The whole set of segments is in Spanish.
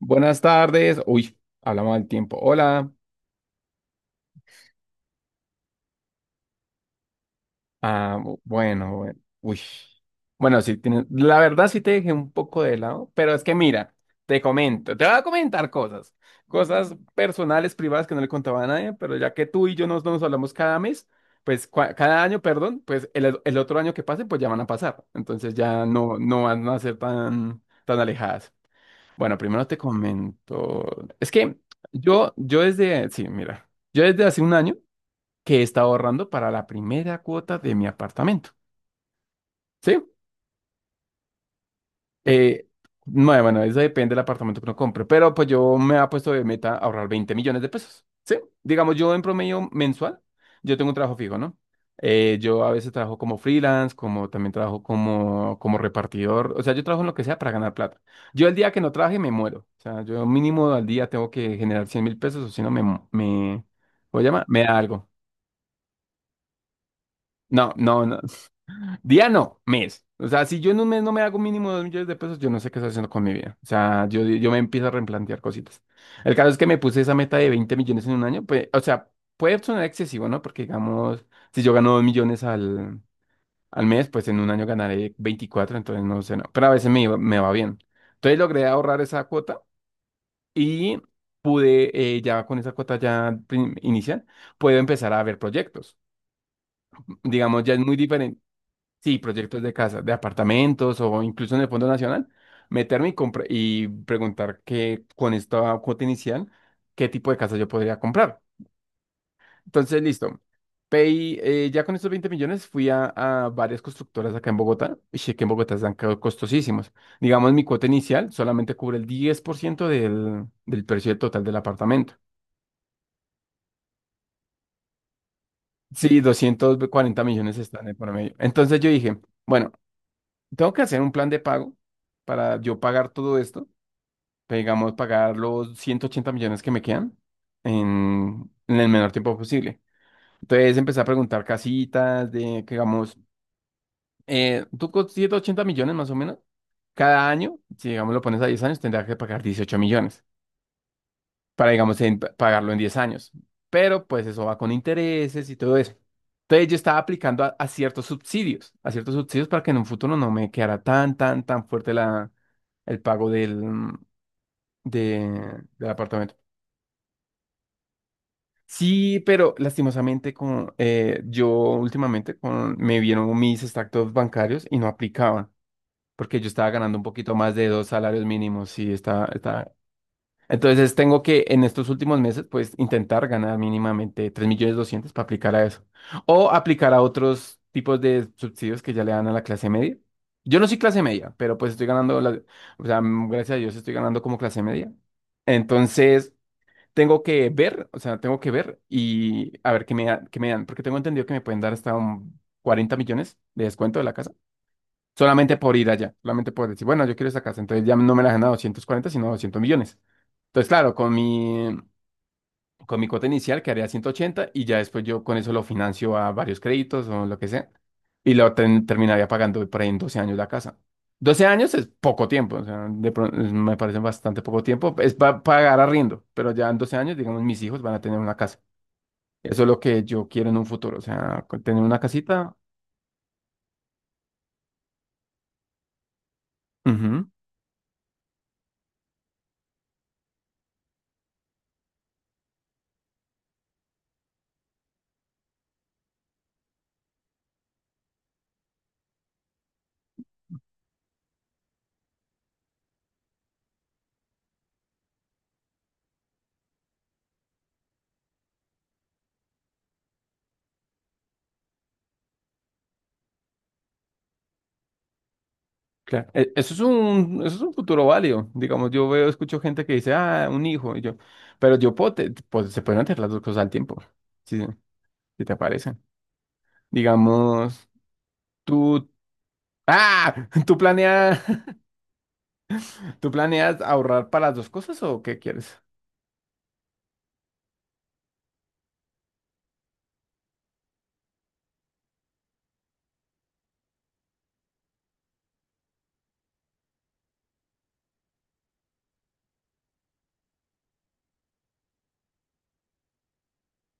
Buenas tardes. Hablamos del tiempo. Hola. Bueno, bueno. Uy. Bueno, sí, la verdad sí te dejé un poco de lado, pero es que mira, te voy a comentar cosas, cosas personales, privadas que no le contaba a nadie, pero ya que tú y yo nos hablamos cada mes, pues cada año, perdón, pues el otro año que pase, pues ya van a pasar. Entonces ya no van a ser tan, tan alejadas. Bueno, primero te comento. Es que yo mira. Yo desde hace un año que estaba ahorrando para la primera cuota de mi apartamento. ¿Sí? Eh, no, bueno, eso depende del apartamento que uno compre, pero pues yo me he puesto de meta ahorrar 20 millones de pesos. ¿Sí? Digamos, yo en promedio mensual, yo tengo un trabajo fijo, ¿no? Yo a veces trabajo como freelance, como también trabajo como repartidor, o sea, yo trabajo en lo que sea para ganar plata. Yo el día que no trabaje me muero, o sea, yo mínimo al día tengo que generar 100 mil pesos o si no me, ¿cómo se llama? Me da algo. No, no, no, Diano, mes. O sea, si yo en un mes no me hago mínimo 2 millones de pesos, yo no sé qué estoy haciendo con mi vida. O sea, yo me empiezo a replantear cositas. El caso es que me puse esa meta de 20 millones en un año. Pues, o sea, puede sonar excesivo, ¿no? Porque, digamos, si yo gano 2 millones al mes, pues en un año ganaré 24 entonces no sé, no. Pero a veces me va bien. Entonces logré ahorrar esa cuota y pude, ya con esa cuota ya inicial, puedo empezar a ver proyectos. Digamos, ya es muy diferente. Sí, proyectos de casa, de apartamentos o incluso en el Fondo Nacional, meterme y preguntar que con esta cuota inicial, qué tipo de casa yo podría comprar. Entonces, listo. Pay ya con estos 20 millones fui a varias constructoras acá en Bogotá. Y sé que en Bogotá están costosísimos. Digamos, mi cuota inicial solamente cubre el 10% del precio del total del apartamento. Sí, 240 millones están en promedio. Entonces yo dije, bueno, tengo que hacer un plan de pago para yo pagar todo esto digamos, pagar los 180 millones que me quedan en el menor tiempo posible. Entonces empecé a preguntar casitas de, que digamos, tú con 180 millones más o menos, cada año, si digamos lo pones a 10 años, tendrás que pagar 18 millones para, digamos, pagarlo en 10 años. Pero pues eso va con intereses y todo eso. Entonces yo estaba aplicando a ciertos subsidios para que en un futuro no me quedara tan, tan, tan fuerte el pago del apartamento. Sí, pero lastimosamente yo últimamente con, me vieron mis extractos bancarios y no aplicaban, porque yo estaba ganando un poquito más de dos salarios mínimos y está, está. Entonces tengo que en estos últimos meses pues intentar ganar mínimamente 3 millones 200 para aplicar a eso. O aplicar a otros tipos de subsidios que ya le dan a la clase media. Yo no soy clase media, pero pues estoy o sea, gracias a Dios estoy ganando como clase media. Entonces tengo que ver, o sea, tengo que ver y a ver qué qué me dan, porque tengo entendido que me pueden dar hasta un 40 millones de descuento de la casa, solamente por ir allá, solamente por decir, bueno, yo quiero esa casa, entonces ya no me la dan a 240, sino a 200 millones. Entonces, claro, con mi cuota inicial quedaría 180 y ya después yo con eso lo financio a varios créditos o lo que sea. Y lo terminaría pagando por ahí en 12 años la casa. 12 años es poco tiempo, o sea, me parece bastante poco tiempo. Es para pagar arriendo, pero ya en 12 años, digamos, mis hijos van a tener una casa. Eso es lo que yo quiero en un futuro, o sea, con tener una casita. Ujú, claro. Eso es un futuro válido. Digamos, yo veo, escucho gente que dice, ah, un hijo, y yo, pero yo puedo, pues se pueden hacer las dos cosas al tiempo. Sí, sí, si te parece. Digamos, tú... ¡Ah! ¿Tú planeas, tú planeas ahorrar para las dos cosas o qué quieres?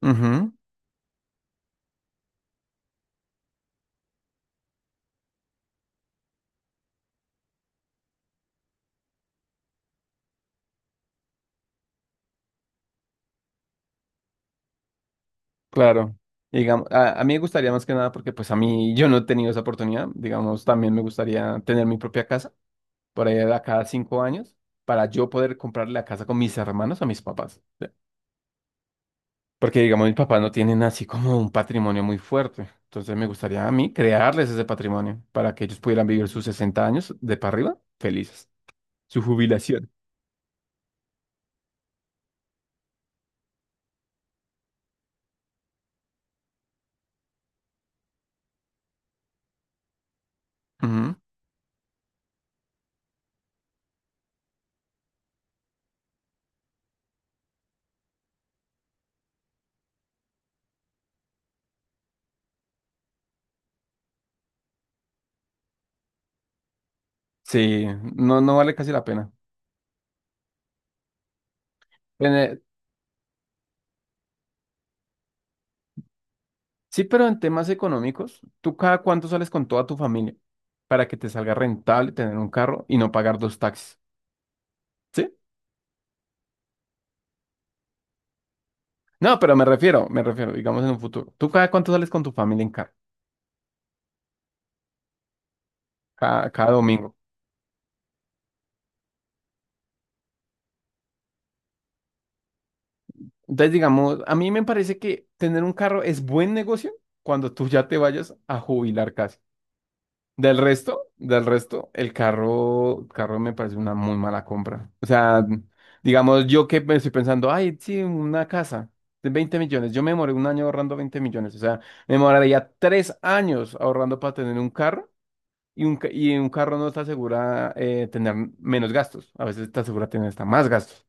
Ujú, claro. Digamos, a mí me gustaría más que nada porque pues a mí yo no he tenido esa oportunidad. Digamos, también me gustaría tener mi propia casa por ahí a cada 5 años para yo poder comprarle la casa con mis hermanos a mis papás. ¿Sí? Porque digamos, mis papás no tienen así como un patrimonio muy fuerte. Entonces me gustaría a mí crearles ese patrimonio para que ellos pudieran vivir sus 60 años de para arriba felices. Su jubilación. Ujú. Sí, no, no vale casi la pena. En, eh, sí, pero en temas económicos, ¿tú cada cuánto sales con toda tu familia para que te salga rentable tener un carro y no pagar dos taxis? ¿Sí? No, pero me refiero, digamos en un futuro. ¿Tú cada cuánto sales con tu familia en carro? Cada domingo. Entonces, digamos, a mí me parece que tener un carro es buen negocio cuando tú ya te vayas a jubilar casi. Del resto, carro me parece una muy mala compra. O sea, digamos, yo que me estoy pensando, ay, sí, una casa de 20 millones. Yo me demoré un año ahorrando 20 millones. O sea, me demoraría 3 años ahorrando para tener un carro y y un carro no te asegura tener menos gastos. A veces te asegura tener hasta más gastos.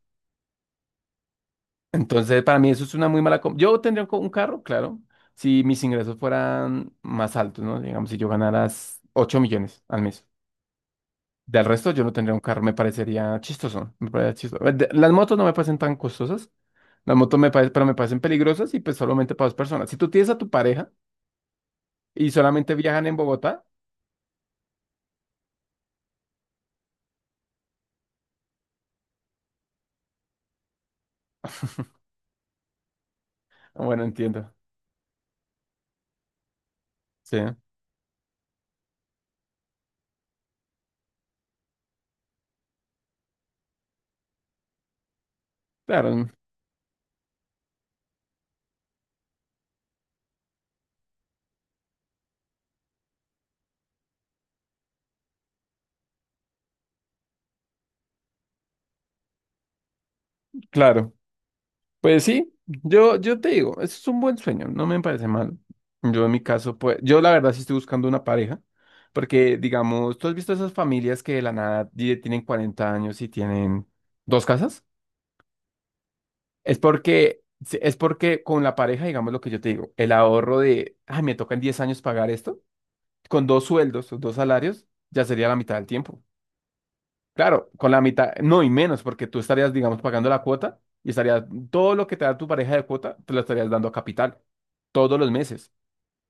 Entonces, para mí eso es una muy mala compra. Yo tendría un un carro, claro, si mis ingresos fueran más altos, ¿no? Digamos, si yo ganara 8 millones al mes. Del resto, yo no tendría un carro, me parecería chistoso. Me parecería chistoso. Las motos no me parecen tan costosas. Las motos me parecen, pero me parecen peligrosas y pues solamente para dos personas. Si tú tienes a tu pareja y solamente viajan en Bogotá, bueno, entiendo. Sí, claro, claro. Pues sí, yo te digo, eso es un buen sueño, no me parece mal. Yo en mi caso, pues, yo la verdad sí estoy buscando una pareja, porque digamos, tú has visto esas familias que de la nada tienen 40 años y tienen dos casas. Es porque, sí, es porque con la pareja, digamos lo que yo te digo, el ahorro de, ay, me toca en 10 años pagar esto, con dos sueldos, o dos salarios, ya sería la mitad del tiempo. Claro, con la mitad, no y menos, porque tú estarías, digamos, pagando la cuota y estarías, todo lo que te da tu pareja de cuota, te lo estarías dando a capital, todos los meses.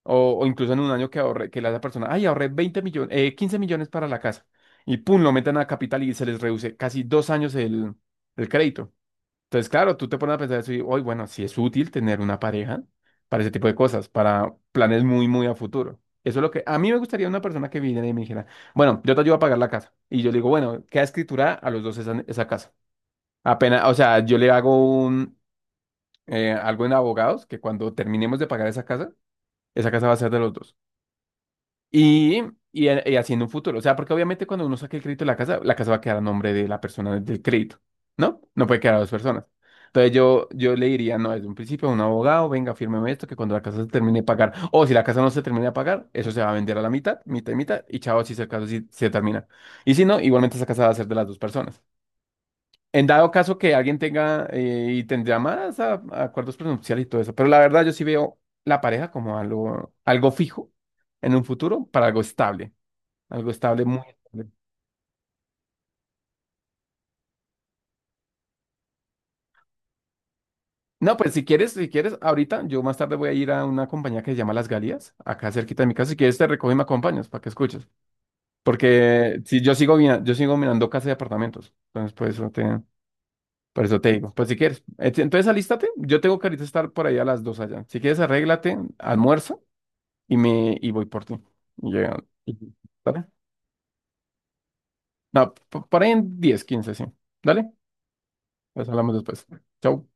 O incluso en un año que ahorre, que la persona, ay, ahorré 20 millones, 15 millones para la casa. Y pum, lo meten a capital y se les reduce casi 2 años el crédito. Entonces, claro, tú te pones a pensar eso y, hoy, bueno, sí es útil tener una pareja para ese tipo de cosas, para planes muy, muy a futuro. Eso es lo que a mí me gustaría una persona que viniera y me dijera, bueno, yo te ayudo a pagar la casa. Y yo le digo, bueno, queda escritura a los dos esa, esa casa. Apenas, o sea, yo le hago un, algo en abogados que cuando terminemos de pagar esa casa va a ser de los dos. Y, y así en un futuro. O sea, porque obviamente cuando uno saque el crédito de la casa va a quedar a nombre de la persona del crédito, ¿no? No puede quedar a dos personas. Entonces yo le diría, no, desde un principio a un abogado, venga, fírmeme esto, que cuando la casa se termine de pagar, o si la casa no se termine de pagar, eso se va a vender a la mitad, mitad y mitad, y chao, si es el caso, si se termina. Y si no, igualmente esa casa va a ser de las dos personas. En dado caso que alguien tenga y tendría más a acuerdos prenupciales y todo eso, pero la verdad yo sí veo la pareja como algo, algo fijo en un futuro para algo estable muy estable. No, pues si quieres, si quieres, ahorita yo más tarde voy a ir a una compañía que se llama Las Galias, acá cerquita de mi casa. Si quieres te recojo y me acompañas para que escuches, porque si yo sigo yo sigo mirando casas y apartamentos, entonces por eso te digo, pues si quieres, entonces alístate. Yo tengo que ahorita estar por ahí a las dos allá. Si quieres arréglate, almuerza. Y me y voy por ti. Y llega, y- ¿Dale? No, por ahí en 10 15 sí. Dale, pues hablamos después. Chau.